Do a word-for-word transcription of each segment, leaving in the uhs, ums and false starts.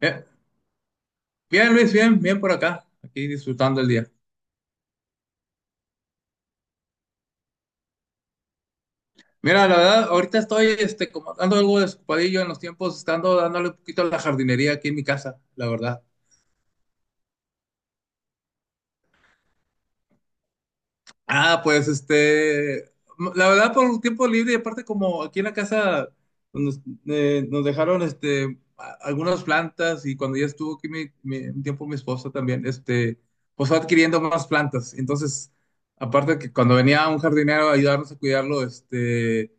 Bien, bien, Luis, bien, bien por acá, aquí disfrutando el día. Mira, la verdad, ahorita estoy este, como ando algo desocupadillo en los tiempos, estando dándole un poquito a la jardinería aquí en mi casa, la verdad. Ah, pues este, la verdad, por un tiempo libre, y aparte, como aquí en la casa nos, eh, nos dejaron este, a- algunas plantas, y cuando ya estuvo aquí mi, mi- un tiempo mi esposa también, este, pues fue adquiriendo más plantas. Entonces, aparte que cuando venía un jardinero a ayudarnos a cuidarlo, este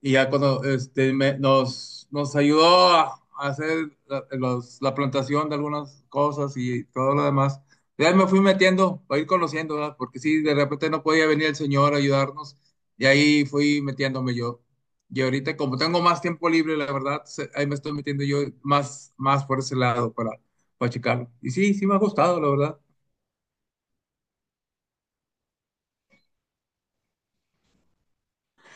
y ya cuando este, me- nos, nos ayudó a, a hacer la, los- la plantación de algunas cosas y todo lo demás. Ya me fui metiendo, a ir conociendo, ¿verdad? Porque sí, de repente no podía venir el señor a ayudarnos y ahí fui metiéndome yo. Y ahorita como tengo más tiempo libre, la verdad, se- ahí me estoy metiendo yo más, más por ese lado para, para checarlo. Y sí, sí me ha gustado, la verdad.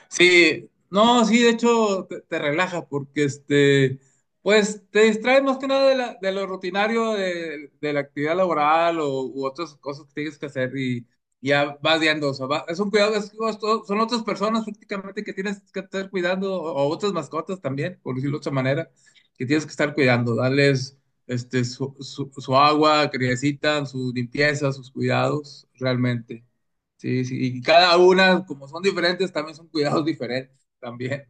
Sí, no, sí, de hecho te, te relaja porque este, pues te distraes más que nada de, la- de lo rutinario de, de la actividad laboral o, u otras cosas que tienes que hacer y ya vas viendo, o sea, va- es un cuidado, es- es todo- son otras personas prácticamente que tienes que estar cuidando o, o otras mascotas también, por decirlo de otra manera, que tienes que estar cuidando, darles este, su, su, su agua, que necesitan, su limpieza, sus cuidados, realmente. Sí, sí, y cada una, como son diferentes, también son cuidados diferentes también.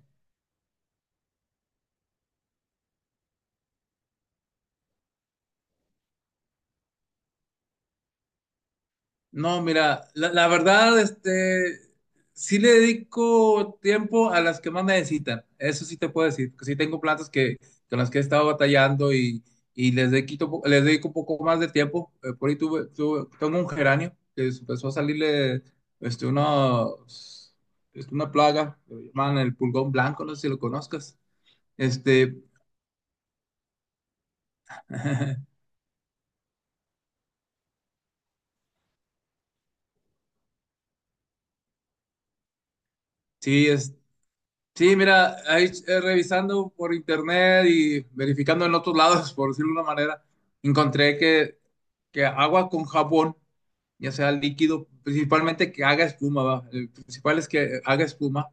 No, mira, la, la verdad, este, sí le dedico tiempo a las que más necesitan. Eso sí te puedo decir, que sí tengo plantas que, con las que he estado batallando y, y les dedico, po- les dedico un poco más de tiempo. Eh, por ahí tuve, tuve- tengo un geranio que empezó a salirle este, unos- este, una plaga, lo llaman el pulgón blanco, no sé si lo conozcas. Este, Sí, sí, mira, ahí eh, revisando por internet y verificando en otros lados, por decirlo de una manera, encontré que, que, agua con jabón, ya sea líquido, principalmente que haga espuma, ¿va? El principal es que haga espuma,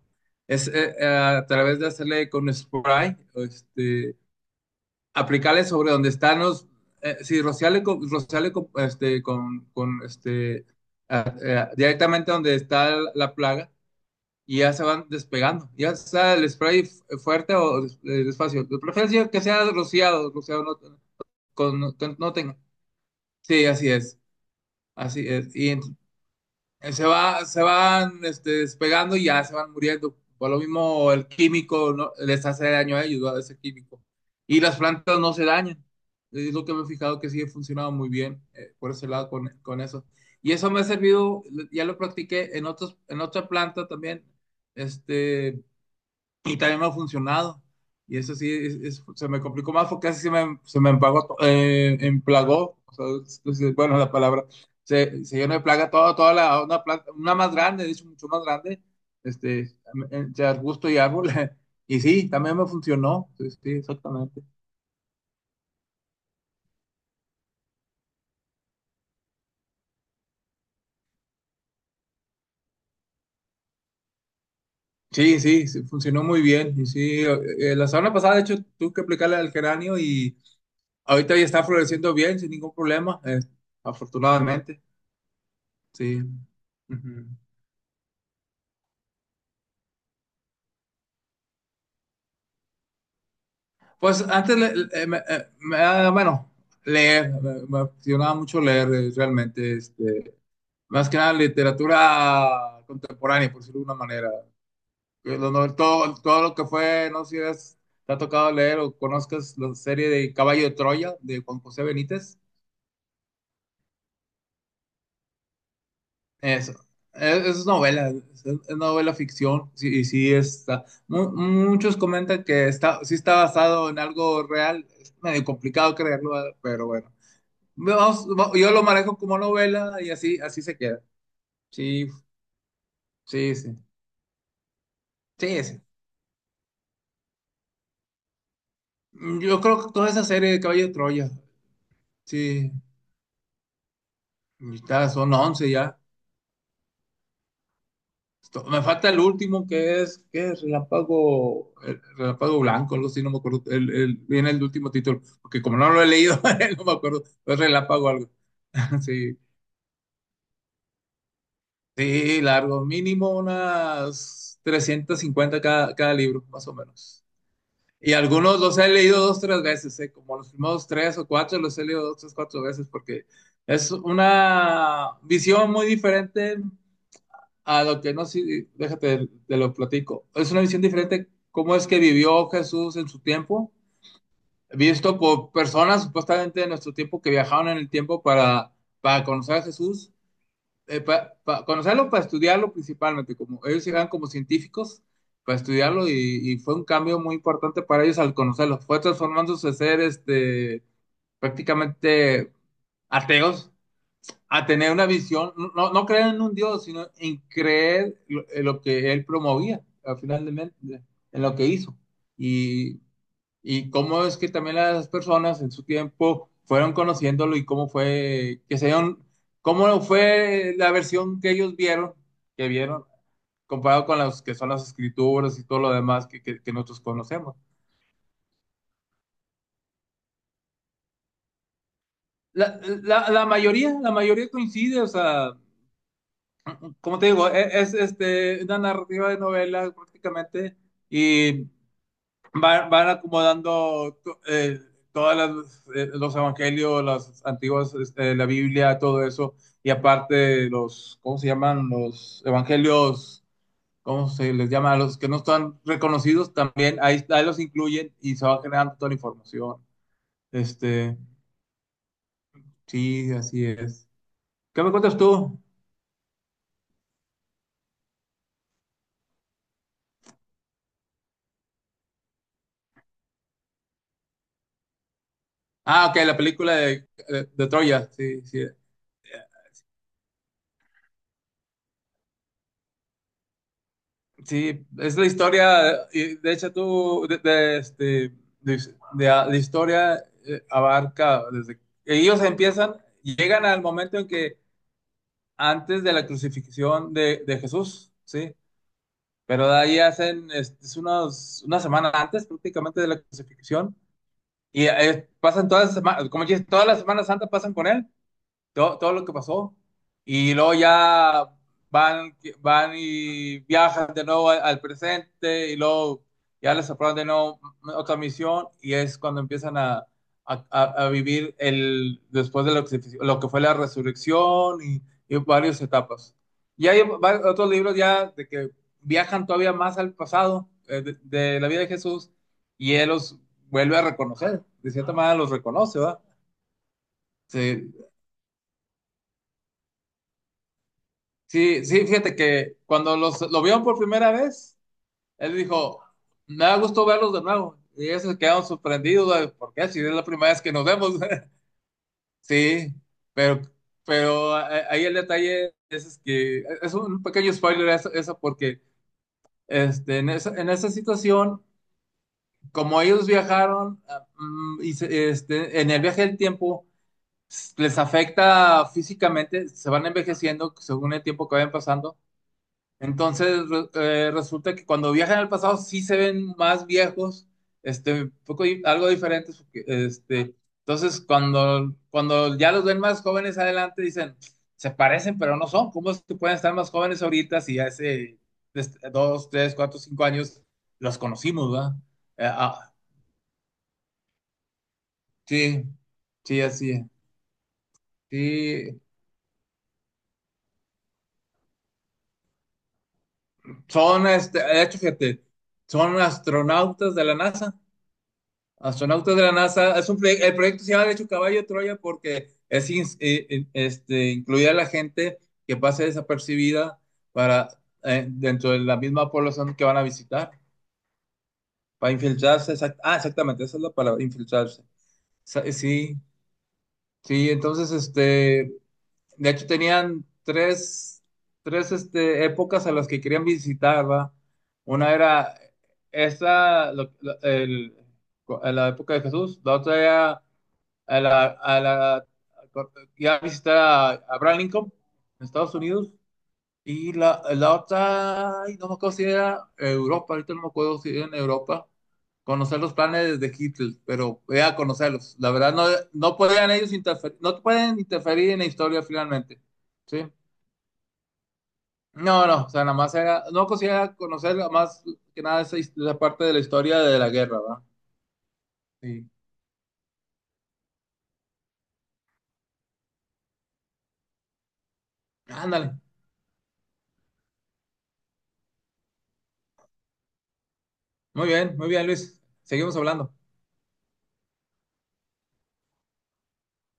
es eh, eh, a través de hacerle con spray, este, aplicarle sobre donde están los, eh, sí, rociarle con, rociarle con, este, con, con, este, ah, eh, directamente donde está la plaga y ya se van despegando. Ya sea el spray fuerte o des- eh, despacio. De preferencia que sea rociado, rociado no, con, no, con- no tenga. Sí, así es, así es. Y ent- eh, se va, se van este, despegando y ya se van muriendo. Por lo mismo el químico no, les hace daño a ellos, ¿verdad? Ese químico. Y las plantas no se dañan. Es lo que me he fijado que sí ha funcionado muy bien eh, por ese lado con, con eso. Y eso me ha servido, ya lo practiqué en otros, en otra planta también, este, y también me ha funcionado. Y eso sí, es- es- se me complicó más porque así se me, se me empagó, to- eh, emplagó, o sea, es- es- bueno, la palabra, se, se llenó de plaga toda, toda la, una planta, una más grande, de hecho, mucho más grande, este, entre arbusto y árbol. Y sí, también me funcionó, sí, sí, exactamente. Sí, sí, sí, funcionó muy bien. Y sí, eh, eh, la semana pasada, de hecho, tuve que aplicarle al geranio y ahorita ya está floreciendo bien, sin ningún problema, eh, afortunadamente. Sí. Ujú. Pues antes, le- le- eh, me- eh, me- ah, bueno, leer, me me apasionaba mucho leer eh, realmente, este, más que nada literatura contemporánea, por decirlo de una manera. Eh, lo- no- Todo, todo lo que fue, no sé si has- te ha tocado leer o conozcas la serie de Caballo de Troya de Juan José Benítez. Eso, es, es novela, es, es novela ficción, sí, y sí está. Mu- muchos comentan que está, sí está basado en algo real, es medio complicado creerlo, eh, pero bueno. Vamos- va- yo lo manejo como novela y así, así se queda. Sí, sí, sí. Sí, sí. Mm, Yo creo que toda esa serie de Caballo de Troya, sí, está, son once ya. Esto- me falta el último que es, que es, Relámpago, el- Relámpago Blanco, algo así, no me acuerdo. El, el- viene el último título, porque como no lo he leído, no me acuerdo. Es Relámpago algo. Sí, sí, largo, mínimo unas trescientas cincuenta cada, cada libro, más o menos. Y algunos los he leído dos, tres veces, ¿eh? Como los primeros tres o cuatro los he leído dos, tres, cuatro veces, porque es una visión muy diferente a lo que, no sé, déjate, te lo platico. Es una visión diferente cómo es que vivió Jesús en su tiempo, visto por personas supuestamente de nuestro tiempo que viajaron en el tiempo para, para conocer a Jesús eh, pa- pa- conocerlo para estudiarlo principalmente, como ellos llegan como científicos para estudiarlo y, y fue un cambio muy importante para ellos al conocerlo. Fue transformándose de ser este, prácticamente ateos a tener una visión, no, no no creer en un Dios, sino en creer lo, en lo que él promovía, al final de men- en lo que hizo. Y y cómo es que también las personas en su tiempo fueron conociéndolo y cómo fue que se dieron, cómo fue la versión que ellos vieron, que vieron, comparado con las que son las escrituras y todo lo demás que, que- que nosotros conocemos. La, la- la mayoría, la mayoría coincide, o sea, como te digo, e- es, este, una narrativa de novela prácticamente y van, van acomodando eh, todos eh, los evangelios, las antiguas, este, la Biblia, todo eso, y aparte los, ¿cómo se llaman? Los evangelios, ¿cómo se les llama? A los que no están reconocidos también, ahí, ahí los incluyen y se va generando toda la información. Este, sí, así es. ¿Qué me cuentas tú? Ah, ok, la película de, de, de Troya, sí, sí. Sí, es la historia, y de hecho tú, de, de, este, de- de- la historia eh, abarca desde ellos empiezan, llegan al momento en que antes de la crucifixión de, de Jesús, ¿sí? Pero de ahí hacen, este, es unos, una semana antes prácticamente de la crucifixión, y eh, pasan todas las semanas, como dices, todas las semanas Santa pasan con él, todo, todo lo que pasó. Y luego ya van, van y viajan de nuevo al, al presente y luego ya les aprueban de nuevo otra misión y es cuando empiezan a, a- a- a vivir el, después de lo que, lo que, fue la resurrección y, y varias etapas. Y hay va- otros libros ya de que viajan todavía más al pasado eh, de, de la vida de Jesús y él los vuelve a reconocer, de cierta manera los reconoce, ¿verdad? Sí, sí, sí, fíjate que cuando los, lo vieron por primera vez, él dijo, me da gusto verlos de nuevo. Y ellos se quedaron sorprendidos, güey, ¿por qué? Si es la primera vez que nos vemos. Sí, pero, pero eh, ahí el detalle es, es que es un pequeño spoiler eso, eso porque este, en esa, en esa, situación, como ellos viajaron ah, mm, y se- este, en el viaje del tiempo, s- les afecta físicamente, se van envejeciendo según el tiempo que vayan pasando. Entonces, re- eh, resulta que cuando viajan al pasado sí se ven más viejos, este, un poco, di- algo diferentes, porque, este, entonces cuando, cuando ya los ven más jóvenes adelante dicen, se parecen, pero no son, ¿cómo es que pueden estar más jóvenes ahorita si hace des- dos, tres, cuatro, cinco años los conocimos, ¿verdad? Eh, ah, sí, sí, así, es. sí, son, este, de hecho, fíjate, son astronautas de la NASA. Astronautas de la NASA, es un proye- el proyecto se llama de hecho Caballo de Troya porque es ins- eh, eh, este, incluir a la gente que pase desapercibida para eh, dentro de la misma población que van a visitar, para infiltrarse, exact- ah, exactamente, esa es la palabra, infiltrarse. Sa- eh, Sí, sí, entonces, este, de hecho tenían tres, tres este, épocas a las que querían visitar, ¿va? Una era esa, lo- lo- el- la época de Jesús, la otra era a la, a la, y a visitar a, a Abraham Lincoln en Estados Unidos. Y la, la otra, ay, no me acuerdo si era Europa, ahorita no me acuerdo si era en Europa, conocer los planes de Hitler, pero voy a conocerlos. La verdad, no, no podían ellos interferir, no pueden interferir en la historia finalmente, ¿sí? No, no, o sea, nada más era, no quisiera conocer más que nada esa, his- esa parte de la historia de la guerra, ¿va? Sí. Ándale, muy bien, muy bien, Luis, seguimos hablando.